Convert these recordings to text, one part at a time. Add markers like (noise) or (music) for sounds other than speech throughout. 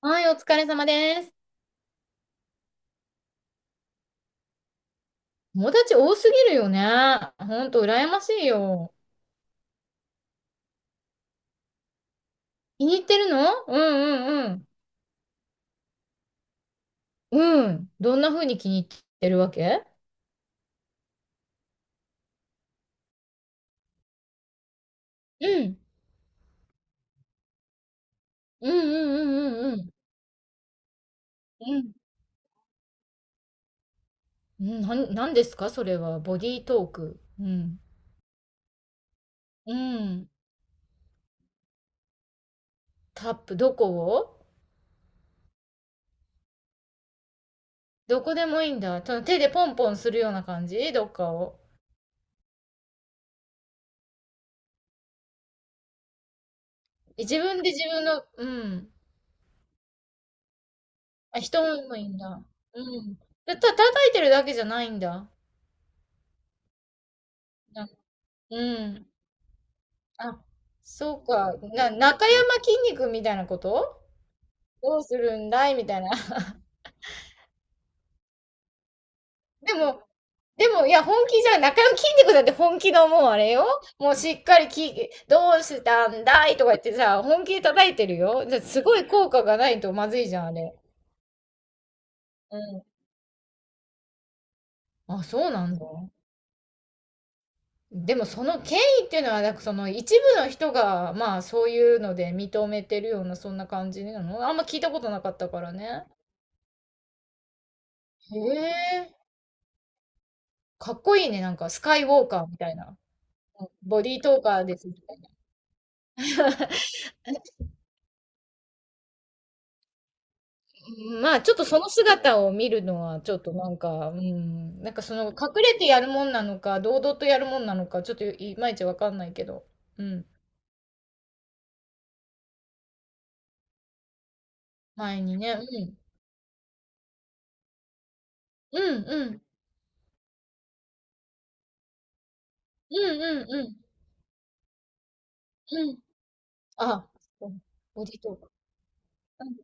はい、お疲れ様です。友達多すぎるよね。ほんと、羨ましいよ。気に入ってるのうんうんうん。うん。どんな風に気に入ってるわけ。うん。うんうんうんうんうん。うん。うん、なんですかそれは。ボディートーク。うん。うん。タップ、どこを。どこでもいいんだ。その手でポンポンするような感じどっかを。自分で自分の、うん。あ、人もいいんだ。うん。叩いてるだけじゃないんだ。な、うん。あ、そうか。中山筋肉みたいなこと、どうするんだいみたいな。(laughs) でも、でも、いや、本気じゃん、な筋肉まんだって本気のもうあれよ。もうしっかりき、どうしたんだいとか言ってさ、本気で叩いてるよ。じゃ、すごい効果がないとまずいじゃん、あれ。うん。あ、そうなんだ。でもその権威っていうのは、なんかその一部の人が、まあそういうので認めてるような、そんな感じなの、あんま聞いたことなかったからね。へえ。かっこいいね、なんかスカイウォーカーみたいな。うん、ボディートーカーです。まあちょっとその姿を見るのはちょっとなんか、うん、なんかその隠れてやるもんなのか、堂々とやるもんなのか、ちょっといまいちわかんないけど。うん。前にね、うん。うんうんうんうんうんうん。あ、そうボディートーカー。うん、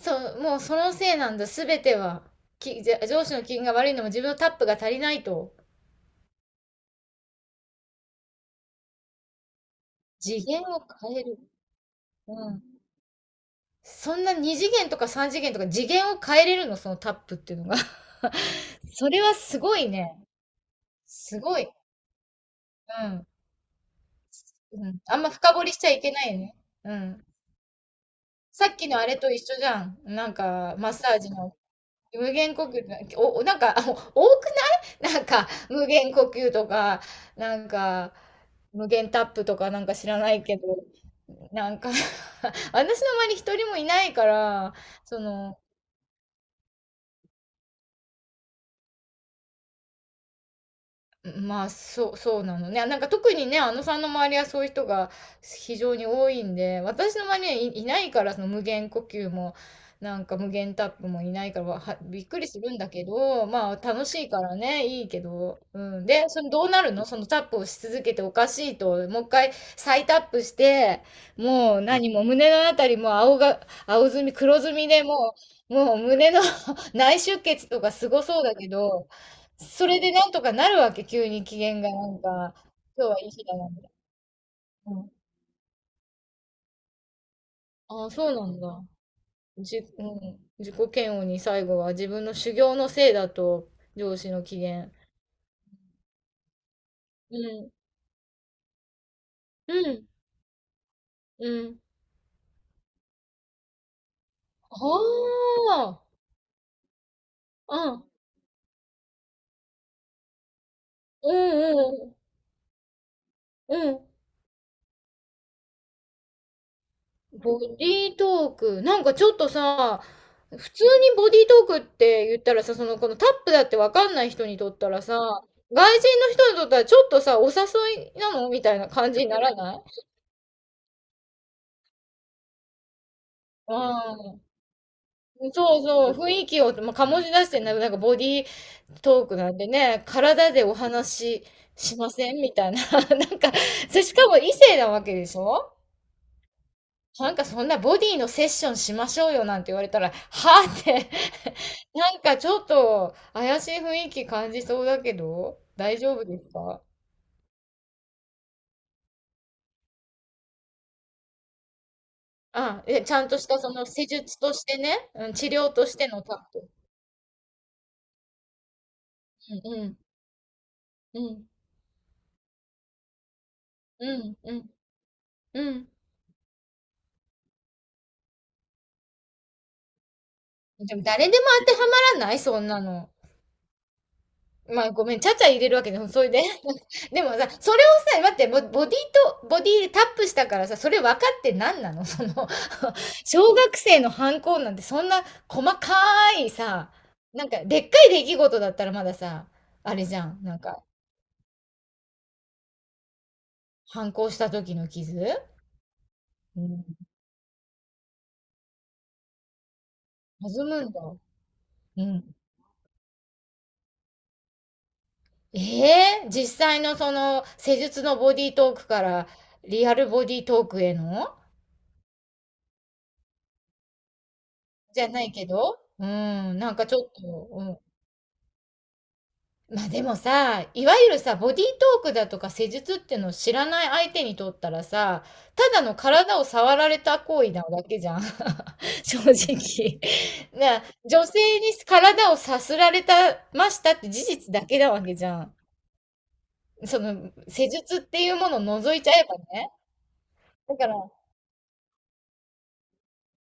そう、もうそのせいなんだ、すべては。じゃ上司の機嫌が悪いのも自分のタップが足りないと。次元を変える。うん。そんな2次元とか3次元とか次元を変えれるの、そのタップっていうのが。(laughs) それはすごいね。すごい。うん。うん。あんま深掘りしちゃいけないね。うん。さっきのあれと一緒じゃん。なんか、マッサージの無限呼吸、なんか、あ多くないなんか、無限呼吸とか、なんか、無限タップとかなんか知らないけど、なんか (laughs) 私の周り一人もいないから、その、まあ、そう、そうなのね。なんか特にね、あのさんの周りはそういう人が非常に多いんで、私の周りにないから、その無限呼吸も、なんか無限タップもいないから、びっくりするんだけど、まあ楽しいからね、いいけど。うん。で、そのどうなるの、そのタップをし続けておかしいと、もう一回再タップして、もう何も胸のあたりも青が、青ずみ、黒ずみでもう、もう胸の (laughs) 内出血とかすごそうだけど、それでなんとかなるわけ、急に機嫌がなんか、今日はいい日だな、みたいな。うん。ああ、そうなんだ。うん。自己嫌悪に最後は自分の修行のせいだと、上司の機嫌。うん。うん。うん。ああ。うん。うんうんうん。うん。ボディートーク。なんかちょっとさ、普通にボディートークって言ったらさ、その、このタップだってわかんない人にとったらさ、外人の人にとったらちょっとさ、お誘いなのみたいな感じにならない。うん。そうそう、雰囲気を、まあ、醸し出してんだけど、なんかボディートークなんでね、体でお話ししませんみたいな。(laughs) なんか、それしかも異性なわけでしょ。なんかそんなボディのセッションしましょうよなんて言われたら、はぁって、なんかちょっと怪しい雰囲気感じそうだけど、大丈夫ですか。あ、え、ちゃんとしたその施術としてね、うん、治療としてのタップ。うん、うん、うん、うん、うん。うん、でも誰でも当てはまらないそんなの。まあごめん、ちゃちゃ入れるわけでも、それで。(laughs) でもさ、それをさ、待って、ボディでタップしたからさ、それ分かって何なのその (laughs) 小学生の反抗なんてそんな細かいさ、なんかでっかい出来事だったらまださ、あれじゃん。なんか、反抗した時の傷。うん。弾むんだ。うん。ええ、実際のその施術のボディートークからリアルボディートークへの、じゃないけど、うん、なんかちょっと、うん。ま、あでもさ、いわゆるさ、ボディートークだとか施術っていうのを知らない相手にとったらさ、ただの体を触られた行為なだけじゃん。(laughs) 正直。な、女性に体をさすられたましたって事実だけなわけじゃん。その施術っていうものを除いちゃえばね。だから、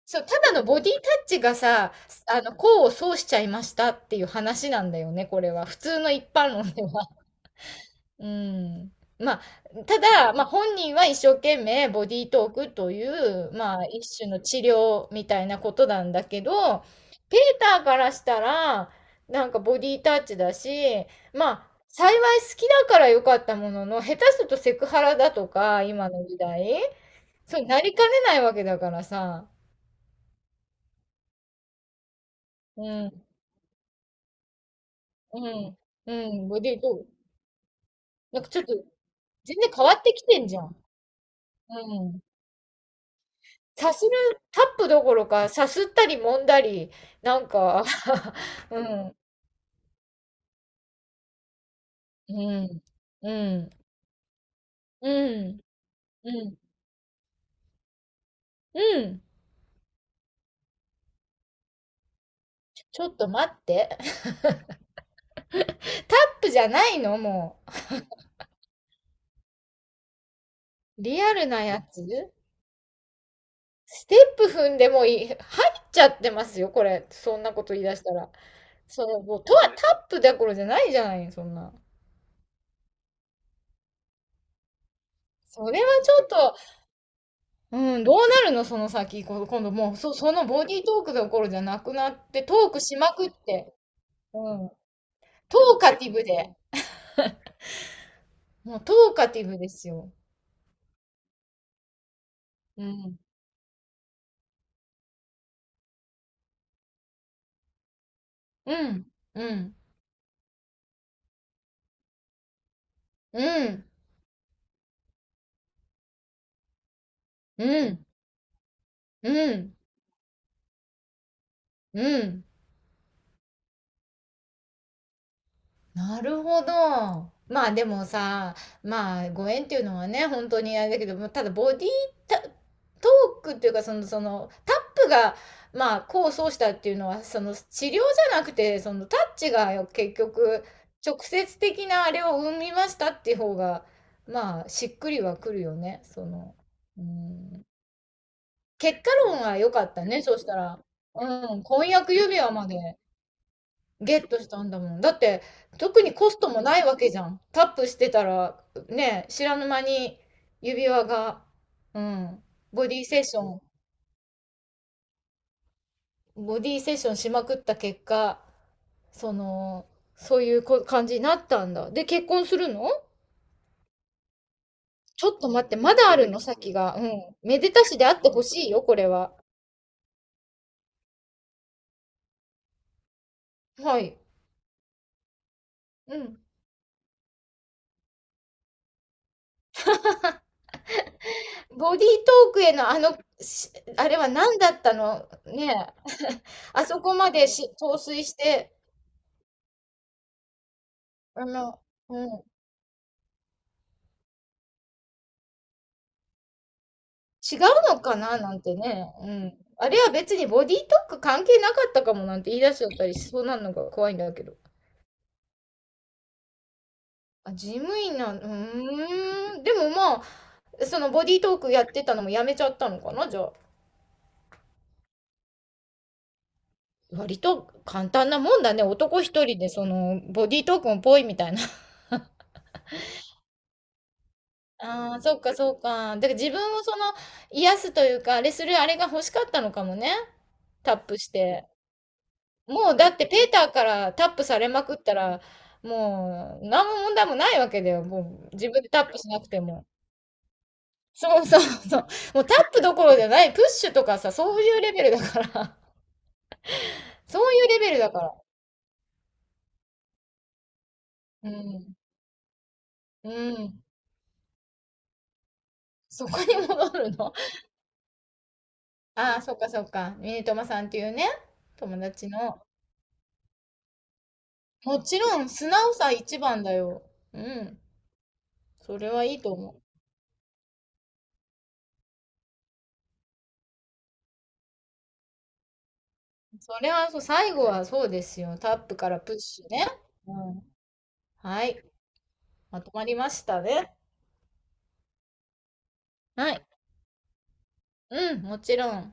そう、ただのボディタッチがさ、あの、功を奏しちゃいましたっていう話なんだよね、これは。普通の一般論では。うん。まあ、ただ、まあ、本人は一生懸命ボディートークという、まあ、一種の治療みたいなことなんだけど、ペーターからしたら、なんかボディータッチだし、まあ、幸い好きだから良かったものの、下手するとセクハラだとか、今の時代、そうなりかねないわけだからさ、うん、うん、うん、ボディートーク、なんかちょっと全然変わってきてんじゃん。うん、さする、タップどころか、さすったり揉んだり、なんか (laughs) うん、うん、うん、うん、うん、うん。ちょっと待って。(laughs) タップじゃないのもう。リアルなやつ、ステップ踏んでもいい。入っちゃってますよ、これ。そんなこと言い出したら。その、もう、とはタップどころじゃないじゃない、そんな。それはちょっと、うん、どうなるの、その先。今度もう、そのボディートークどころじゃなくなって、トークしまくって。うん。トーカティブで。もうトーカティブですよ。うん。うん。うん。うん。うん。うん。うん。なるほど。まあでもさ、まあご縁っていうのはね、本当にあれだけど、もただボディータトークっていうか、その、その、タップが、まあ、功を奏したっていうのは、その、治療じゃなくて、その、タッチが結局、直接的なあれを生みましたっていう方が、まあ、しっくりはくるよね、その、うん。結果論は良かったね、そうしたら。うん、婚約指輪まで。ゲットしたんだもん。だって、特にコストもないわけじゃん。タップしてたら、ね、知らぬ間に指輪が、うん、ボディセッション、ボディセッションしまくった結果、その、そういう感じになったんだ。で、結婚するの。ちょっと待って、まだあるの先が。うん。めでたしであってほしいよ、これは。はい。うん。ボディートークへのあの、あれは何だったのねえ。(laughs) あそこまで陶酔して、あの、うん、違うのかななんてね、うん。あれは別にボディートーク関係なかったかもなんて言い出しちゃったりしそうなのが怖いんだけど。あ、事務員なん、うーん。でもまあ、そのボディートークやってたのもやめちゃったのかな、じゃあ。割と簡単なもんだね。男一人でそのボディートークもぽいみたいな。(laughs) ああ、そっかそっか。だから自分をその癒すというか、あれするあれが欲しかったのかもね。タップして。もうだってペーターからタップされまくったら、もう何も問題もないわけだよ。もう自分でタップしなくても。そうそうそう。もうタップどころじゃない、プッシュとかさ、そういうレベルだから。そういうレベルだから。うん。うん。そこに戻るの。ああ、そっかそっか。ミニトマさんっていうね、友達の。もちろん、素直さ一番だよ。うん。それはいいと思う。それはそう、最後はそうですよ。タップからプッシュね。うん。はい。まとまりましたね。はい。うん、もちろん。